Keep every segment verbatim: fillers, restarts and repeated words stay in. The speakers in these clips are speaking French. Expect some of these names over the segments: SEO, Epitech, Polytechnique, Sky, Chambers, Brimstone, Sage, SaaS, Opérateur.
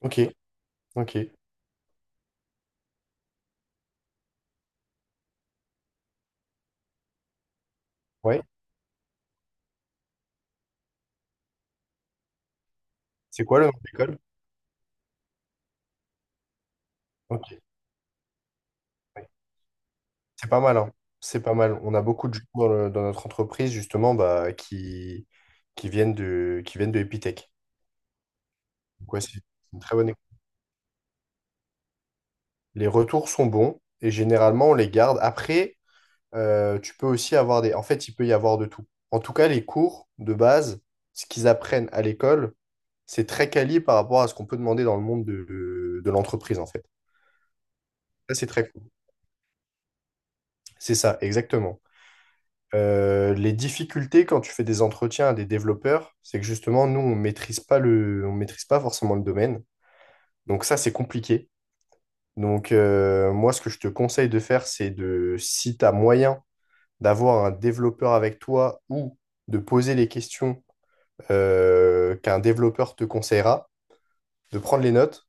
Ok, ok. Ouais. C'est quoi le nom de l'école? Ok, ouais. C'est pas mal, hein. C'est pas mal. On a beaucoup de gens dans, le- dans notre entreprise, justement, bah, qui, qui viennent de, qui viennent de Epitech. Donc, ouais, c'est une très bonne école. Les retours sont bons et généralement, on les garde. Après, euh, tu peux aussi avoir des... En fait, il peut y avoir de tout. En tout cas, les cours de base, ce qu'ils apprennent à l'école, c'est très quali par rapport à ce qu'on peut demander dans le monde de, de l'entreprise, en fait. Ça, c'est très cool. C'est ça, exactement. Euh, les difficultés quand tu fais des entretiens à des développeurs, c'est que justement, nous, on maîtrise pas le, on maîtrise pas forcément le domaine. Donc ça, c'est compliqué. Donc euh, moi, ce que je te conseille de faire, c'est de, si tu as moyen d'avoir un développeur avec toi ou de poser les questions euh, qu'un développeur te conseillera, de prendre les notes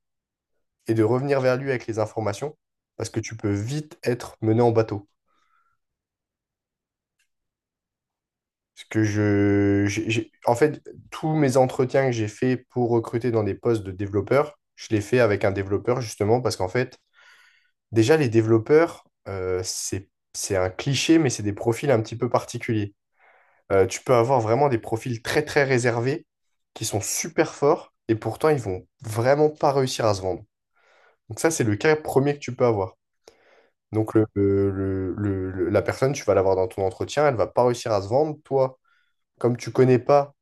et de revenir vers lui avec les informations, parce que tu peux vite être mené en bateau. Parce que je, j'ai- j'ai- en fait, tous mes entretiens que j'ai fait pour recruter dans des postes de développeurs, je les fais avec un développeur justement parce qu'en fait, déjà les développeurs, euh, c'est, c'est un cliché, mais c'est des profils un petit peu particuliers. Euh, tu peux avoir vraiment des profils très très réservés qui sont super forts et pourtant ils vont vraiment pas réussir à se vendre. Donc ça, c'est le cas premier que tu peux avoir. Donc le, le- le- le- la personne, tu vas l'avoir dans ton entretien, elle va pas réussir à se vendre. Toi, comme tu connais pas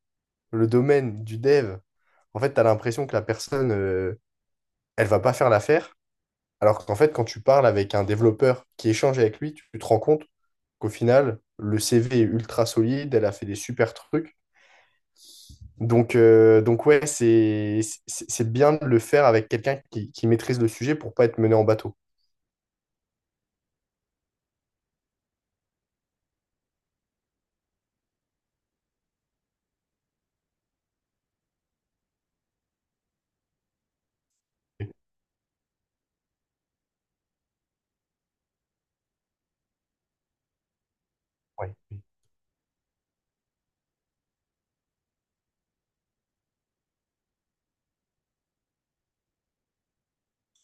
le domaine du dev, en fait, tu as l'impression que la personne, euh, elle va pas faire l'affaire. Alors qu'en fait, quand tu parles avec un développeur qui échange avec lui, tu te rends compte qu'au final, le C V est ultra solide, elle a fait des super trucs. Donc, euh, donc ouais, c'est c'est c'est bien de le faire avec quelqu'un qui, qui maîtrise le sujet pour pas être mené en bateau. Ouais, oui,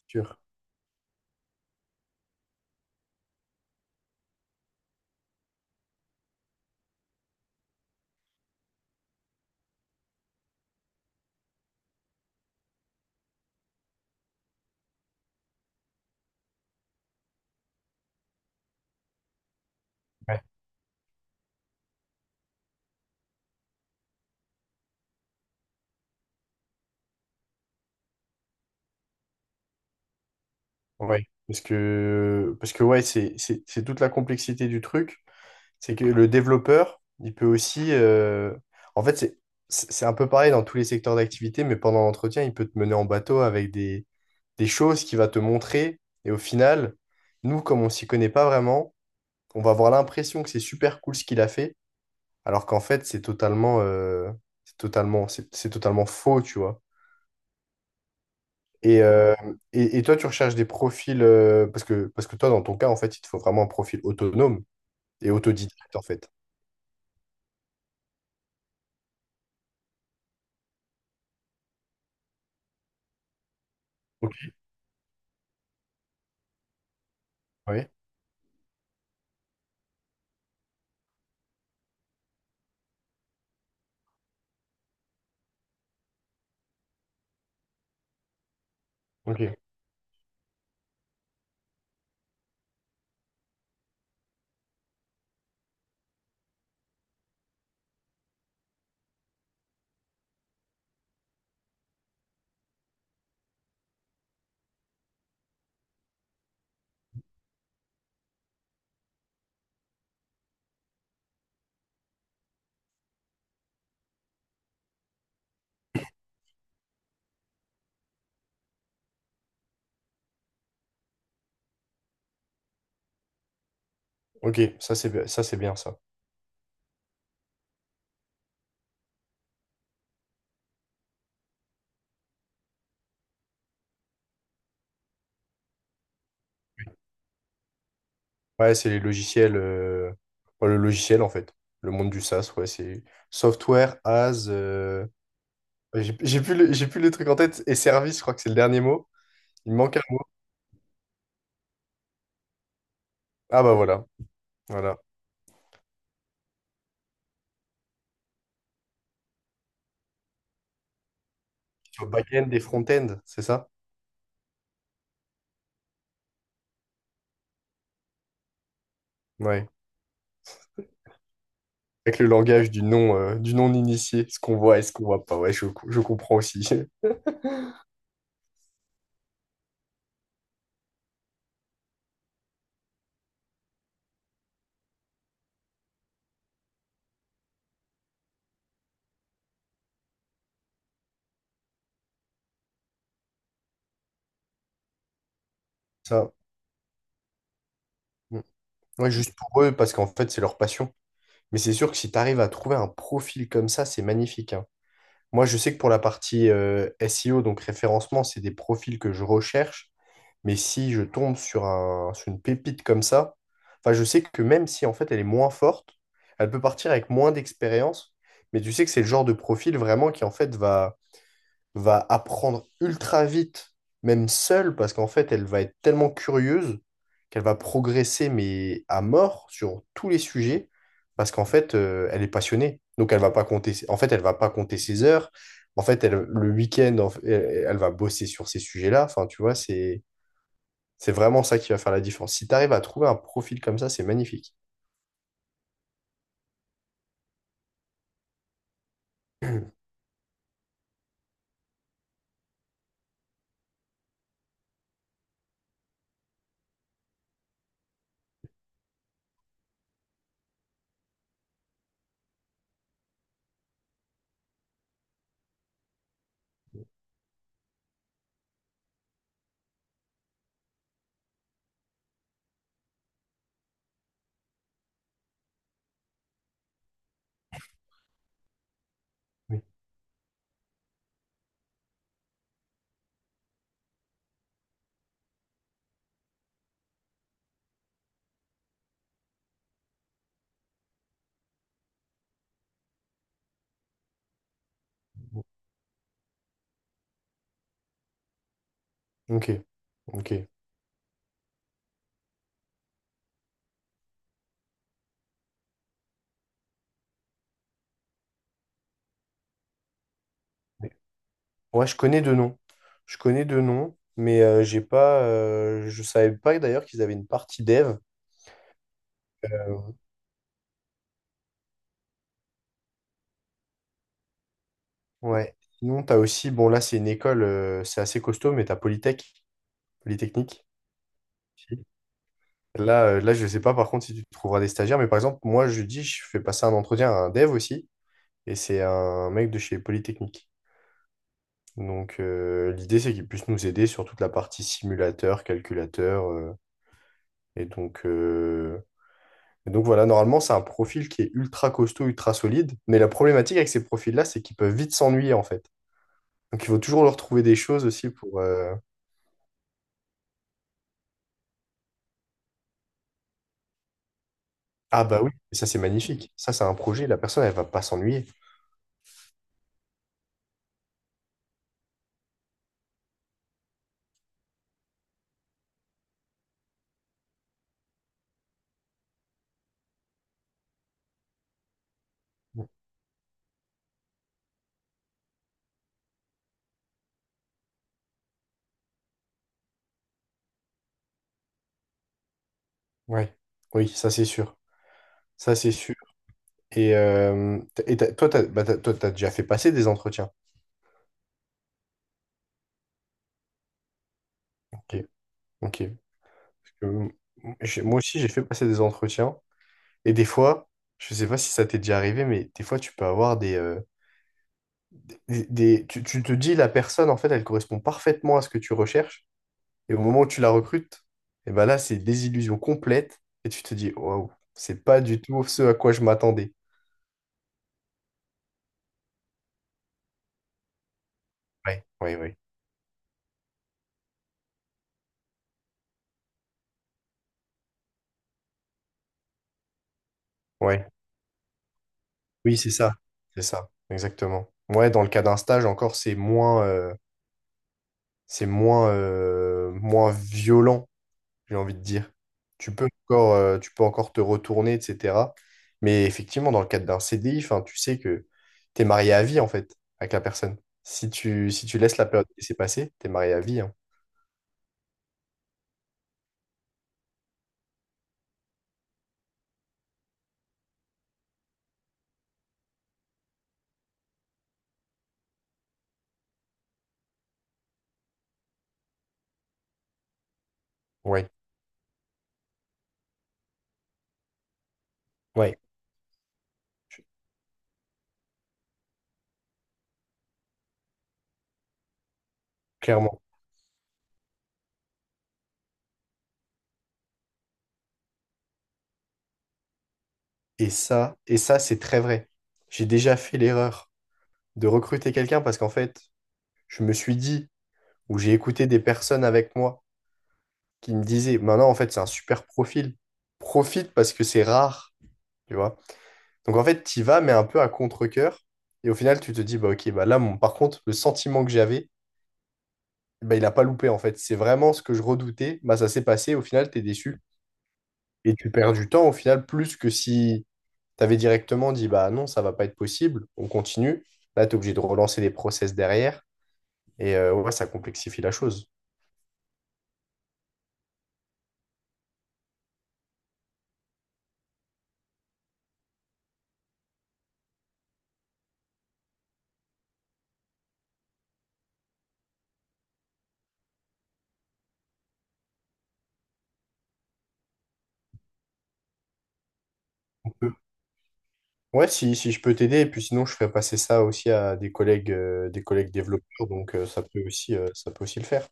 sûr. Ouais. Ouais. Parce que, parce que ouais, c'est c'est- c'est toute la complexité du truc. C'est que le développeur, il peut aussi, euh, en fait, c'est c'est c'est un peu pareil dans tous les secteurs d'activité, mais pendant l'entretien, il peut te mener en bateau avec des, des choses qu'il va te montrer. Et au final, nous, comme on s'y connaît pas vraiment, on va avoir l'impression que c'est super cool ce qu'il a fait, alors qu'en fait, c'est totalement, euh, c'est totalement, c'est c'est totalement faux, tu vois. Et, euh, et, et toi, tu recherches des profils, euh, parce que, parce que toi, dans ton cas, en fait, il te faut vraiment un profil autonome et autodidacte, en fait. Ok. Oui. Ok. Ok, ça c'est ça c'est bien ça. Ouais, c'est les logiciels, euh, enfin, le logiciel en fait, le monde du SaaS, ouais, c'est software as, euh, j'ai j'ai plus le, j'ai plus le truc en tête et service, je crois que c'est le dernier mot. Il me manque un mot. Ah bah voilà, voilà. Sur back-end et front-end, c'est ça? Ouais. Avec le langage du non, euh, du non initié, ce qu'on voit et ce qu'on voit pas. Ouais, je, je comprends aussi ça. Mm. Ouais, juste pour eux parce qu'en fait c'est leur passion. Mais c'est sûr que si tu arrives à trouver un profil comme ça, c'est magnifique, hein. Moi, je sais que pour la partie euh, S E O, donc référencement, c'est des profils que je recherche. Mais si je tombe sur un, sur une pépite comme ça, enfin, je sais que même si en fait elle est moins forte, elle peut partir avec moins d'expérience. Mais tu sais que c'est le genre de profil vraiment qui en fait va va apprendre ultra vite, même seule, parce qu'en fait, elle va être tellement curieuse qu'elle va progresser, mais à mort, sur tous les sujets, parce qu'en fait, euh, elle est passionnée. Donc, elle va pas compter, en fait, elle va pas compter ses heures. En fait, elle, le week-end, en fait, elle, elle va bosser sur ces sujets-là. Enfin, tu vois, c'est, c'est vraiment ça qui va faire la différence. Si tu arrives à trouver un profil comme ça, c'est magnifique. Oui. Ok, ok. Ouais, je connais deux noms. Je connais deux noms, mais euh, j'ai pas, euh, je savais pas d'ailleurs qu'ils avaient une partie dev. Euh, ouais. Sinon, t'as aussi, bon là c'est une école, euh, c'est assez costaud, mais t'as Polytech, Polytechnique. Si. Là, euh, là, je sais pas par contre si tu trouveras des stagiaires, mais par exemple, moi je dis, je fais passer un entretien à un dev aussi, et c'est un mec de chez Polytechnique. Donc euh, l'idée c'est qu'il puisse nous aider sur toute la partie simulateur, calculateur, euh, et donc euh, Et donc voilà, normalement, c'est un profil qui est ultra costaud, ultra solide. Mais la problématique avec ces profils-là, c'est qu'ils peuvent vite s'ennuyer, en fait. Donc il faut toujours leur trouver des choses aussi pour... euh, Ah bah oui, ça c'est magnifique. Ça, c'est un projet, la personne, elle va pas s'ennuyer. Ouais. Oui, ça c'est sûr. Ça c'est sûr. Et, euh, t- et t'as- toi, t'as, bah, t'as- Toi, t'as déjà fait passer des entretiens. Ok, ok. Parce que, euh, j'ai- moi aussi, j'ai fait passer des entretiens. Et des fois, je sais pas si ça t'est déjà arrivé, mais des fois, tu peux avoir des... euh, des- des- tu, tu te dis, la personne, en fait, elle correspond parfaitement à ce que tu recherches. Et au moment où tu la recrutes, et ben là, c'est désillusion complète. Et tu te dis, waouh, c'est pas du tout ce à quoi je m'attendais. Ouais, ouais, ouais. Ouais. Oui, c'est ça. C'est ça, exactement. Ouais, dans le cas d'un stage, encore, c'est moins, euh, c'est moins, euh, moins violent, j'ai envie de dire. Tu peux encore, euh, tu peux encore te retourner, et cetera. Mais effectivement, dans le cadre d'un C D I, enfin, tu sais que tu es marié à vie, en fait, avec la personne. Si tu, si tu laisses la période qui s'est tu es marié à vie, hein. Ouais, ouais, clairement. Et ça, et ça, c'est très vrai. J'ai déjà fait l'erreur de recruter quelqu'un parce qu'en fait, je me suis dit, ou j'ai écouté des personnes avec moi qui me disaient, maintenant, en fait, c'est un super profil. Profite parce que c'est rare, tu vois. Donc en fait, tu y vas, mais un peu à contre-cœur. Et au final, tu te dis, bah ok, bah là, mon... par contre, le sentiment que j'avais, bah, il n'a pas loupé en fait. C'est vraiment ce que je redoutais. Bah, ça s'est passé, au final, tu es déçu. Et tu perds du temps au final, plus que si tu avais directement dit, bah non, ça va pas être possible, on continue. Là, tu es obligé de relancer des process derrière. Et euh, ouais, ça complexifie la chose. Ouais, si, si je peux t'aider, et puis sinon je ferai passer ça aussi à des collègues, euh, des collègues développeurs, donc euh, ça peut aussi, euh, ça peut aussi le faire.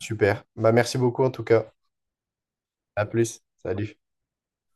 Super. Bah, merci beaucoup en tout cas. À plus. Salut.